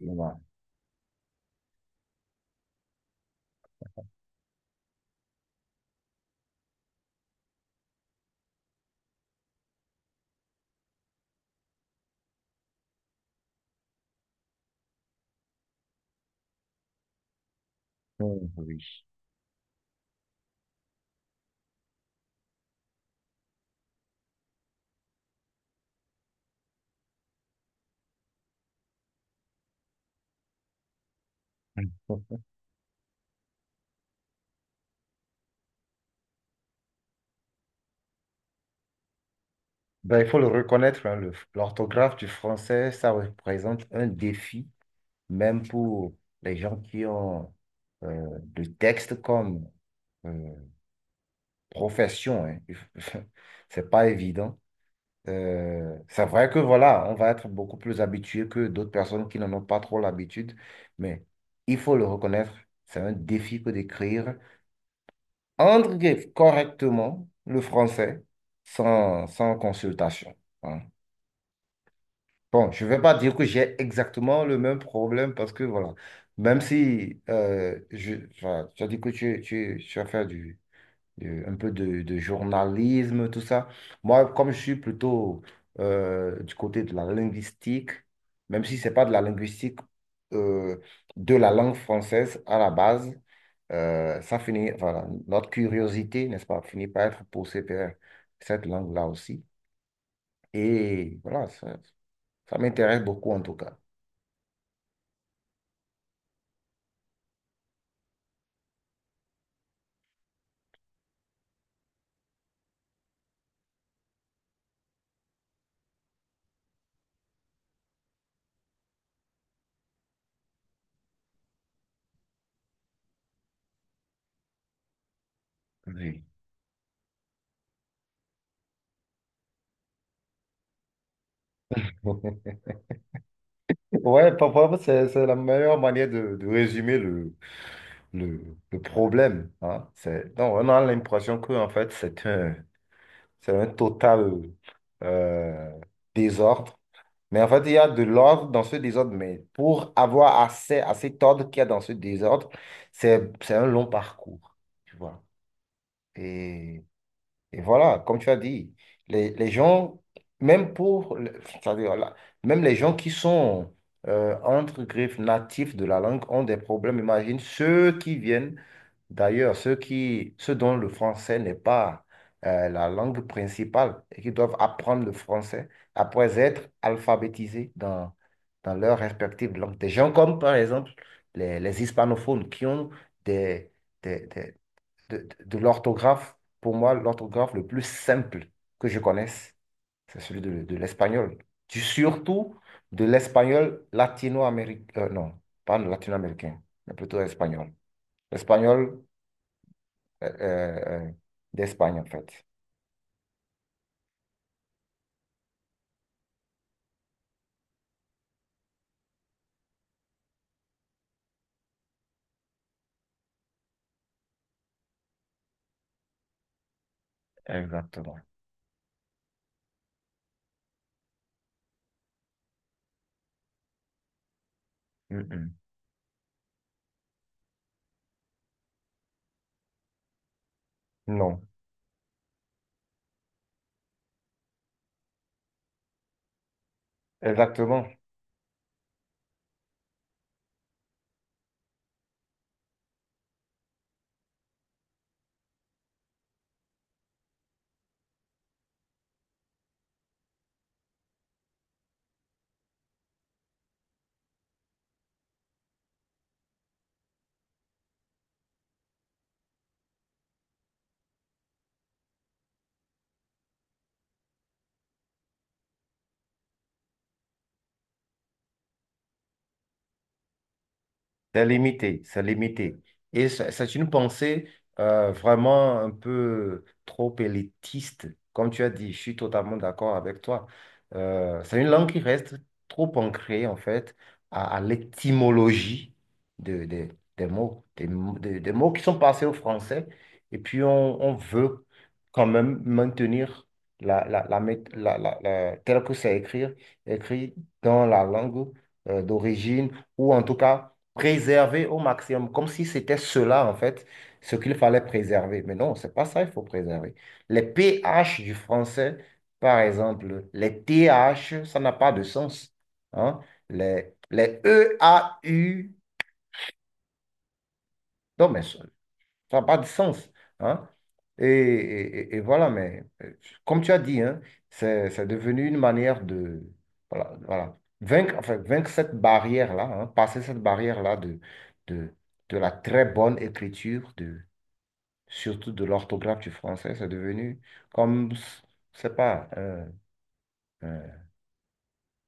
Voilà. Oh, oui. Ben, il faut le reconnaître, hein, l'orthographe du français, ça représente un défi, même pour les gens qui ont le texte comme euh, profession. Hein. C'est pas évident. C'est vrai que voilà, on va être beaucoup plus habitué que d'autres personnes qui n'en ont pas trop l'habitude, mais il faut le reconnaître, c'est un défi que d'écrire Engrave correctement le français sans consultation, hein. Bon, je ne vais pas dire que j'ai exactement le même problème parce que voilà, même si je, enfin, tu as dit que tu as fait un peu de journalisme, tout ça. Moi, comme je suis plutôt du côté de la linguistique, même si ce n'est pas de la linguistique euh, de la langue française à la base, ça finit, voilà, notre curiosité, n'est-ce pas, finit par être poussée vers cette langue-là aussi. Et voilà, ça m'intéresse beaucoup en tout cas. Oui. Ouais, parfois, c'est la meilleure manière de résumer le problème, hein. C'est, donc, on a l'impression que, en fait, c'est un total euh, désordre. Mais en fait, il y a de l'ordre dans ce désordre, mais pour avoir accès à cet ordre qu'il y a dans ce désordre, c'est un long parcours, tu vois. Et, et voilà, comme tu as dit, les gens, même pour, c'est-à-dire, là, même les gens qui sont, entre griffes, natifs de la langue ont des problèmes. Imagine ceux qui viennent. D'ailleurs, ceux qui, ceux dont le français n'est pas la langue principale et qui doivent apprendre le français après être alphabétisés dans leur respective langue. Des gens comme, par exemple, les hispanophones qui ont des, des- des- de l'orthographe. Pour moi, l'orthographe le plus simple que je connaisse, c'est celui de l'espagnol. Surtout de l'espagnol latino-américain. Non, pas latino-américain, mais plutôt espagnol. L'espagnol euh, euh, d'Espagne, en fait. Exactement. Mm, mm. Non, exactement. C'est limité, c'est limité. Et c'est une pensée vraiment un peu trop élitiste. Comme tu as dit, je suis totalement d'accord avec toi. C'est une langue qui reste trop ancrée, en fait, à l'étymologie de des mots, des mots qui sont passés au français. Et puis, on veut quand même maintenir la, la, la, mét- la- la- tel que c'est écrit, écrit dans la langue d'origine, ou en tout cas ok, préserver au maximum, comme si c'était cela, en fait, ce qu'il fallait préserver. Mais non, c'est pas ça, il faut préserver. Les pH du français, par exemple, les TH, ça n'a pas de sens, hein. Les E A u non, mais ça n'a pas de sens, hein? Et voilà, mais comme tu as dit, hein, c'est devenu une manière de, voilà, voilà, vaincre, enfin, vaincre cette barrière-là, hein, passer cette barrière-là de, de la très bonne écriture, de, surtout de l'orthographe du français, c'est devenu comme, je sais pas, un-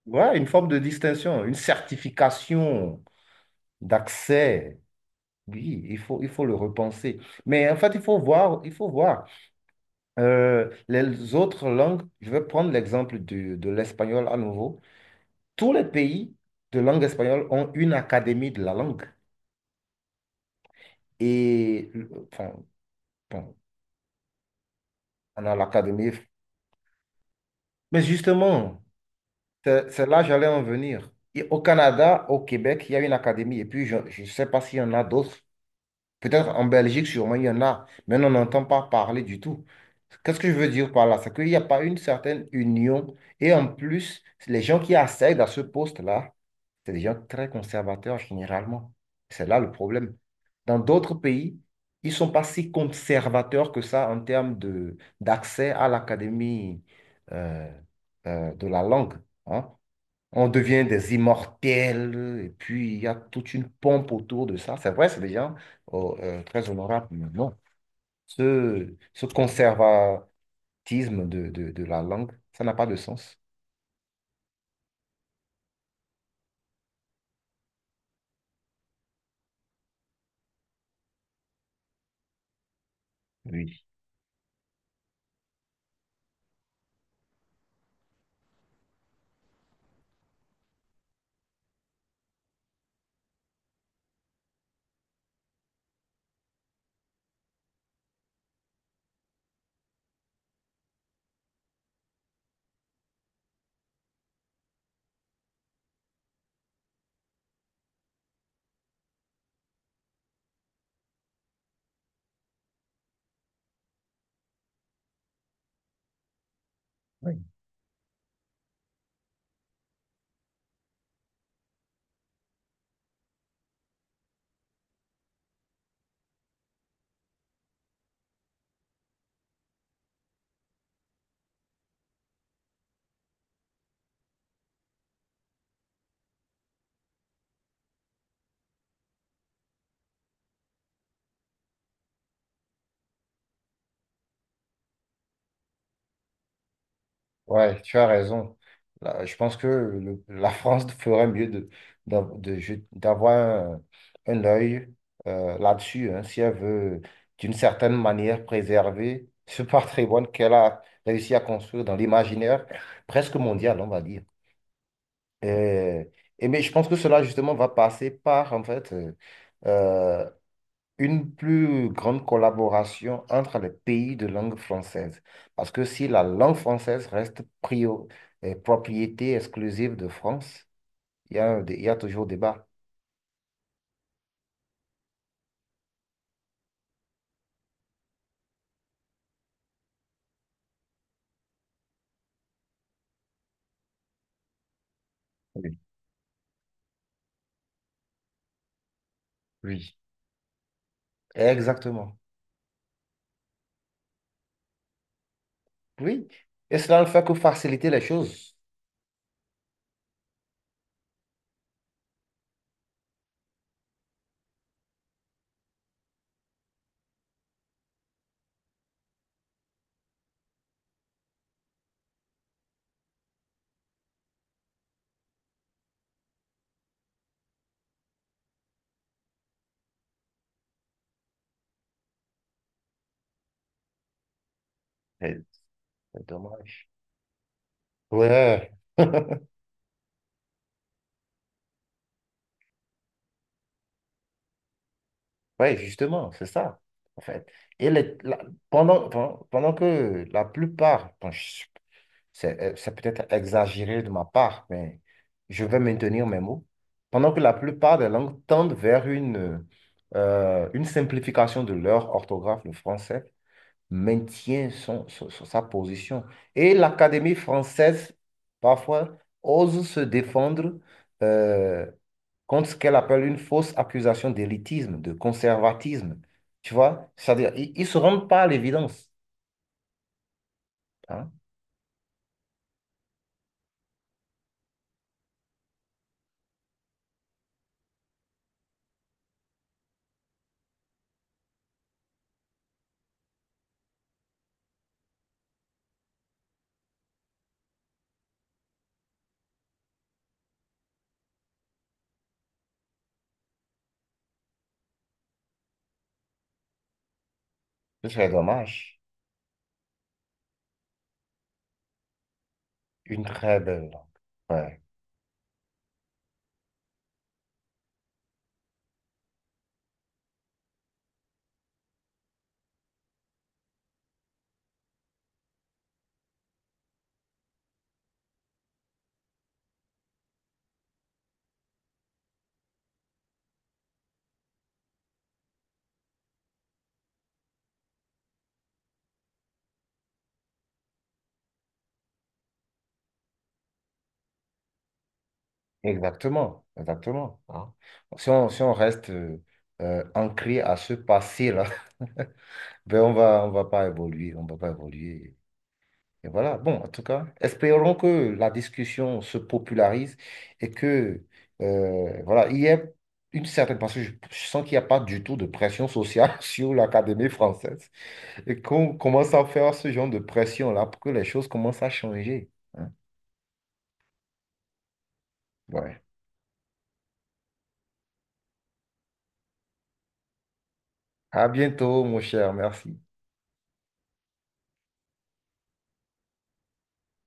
ouais, une forme de distinction, une certification d'accès. Oui, il faut le repenser. Mais en fait, il faut voir, il faut voir. Les autres langues, je vais prendre l'exemple de l'espagnol à nouveau. Tous les pays de langue espagnole ont une académie de la langue. Et enfin, bon, on a l'académie. Mais justement, c'est là que j'allais en venir. Et au Canada, au Québec, il y a une académie. Et puis, je ne sais pas s'il y en a d'autres. Peut-être en Belgique, sûrement, il y en a. Mais on n'entend pas parler du tout. Qu'est-ce que je veux dire par là? C'est qu'il n'y a pas une certaine union. Et en plus, les gens qui accèdent à ce poste-là, c'est des gens très conservateurs généralement. C'est là le problème. Dans d'autres pays, ils ne sont pas si conservateurs que ça en termes de, d'accès à l'académie euh, de la langue, hein. On devient des immortels et puis il y a toute une pompe autour de ça. C'est vrai, c'est des gens oh, très honorables, mais non. Ce conservatisme de la langue, ça n'a pas de sens. Oui. Oui. Ouais, tu as raison. Là, je pense que la France ferait mieux de, d'avoir un, un œil là-dessus, hein, si elle veut, d'une certaine manière, préserver ce patrimoine qu'elle a réussi à construire dans l'imaginaire presque mondial, on va dire. Et, et mais je pense que cela, justement, va passer par, en fait, euh, une plus grande collaboration entre les pays de langue française. Parce que si la langue française reste propriété exclusive de France, il y a, il y a toujours débat. Oui, oui. Exactement. Oui. Et cela ne fait que faciliter les choses. Eh, c'est dommage. Ouais. Oui, justement, c'est ça, en fait. Et pendant, pendant que la plupart, bon, c'est, c'est peut-être exagéré de ma part, mais je vais maintenir mes mots. Pendant que la plupart des langues tendent vers une simplification de leur orthographe, le français maintient sa position. Et l'Académie française, parfois, ose se défendre euh, contre ce qu'elle appelle une fausse accusation d'élitisme, de conservatisme. Tu vois? C'est-à-dire, ils ne se rendent pas à l'évidence, hein. C'est très dommage. Une très belle langue. Ouais. Exactement, exactement, hein. Si on reste ancré à ce passé-là, ben on va pas évoluer, on va pas évoluer. Et voilà. Bon, en tout cas, espérons que la discussion se popularise et que, voilà, il y ait une certaine... Parce que je sens qu'il n'y a pas du tout de pression sociale sur l'Académie française et qu'on commence à faire ce genre de pression-là pour que les choses commencent à changer, hein. Ouais. À bientôt, mon cher. Merci.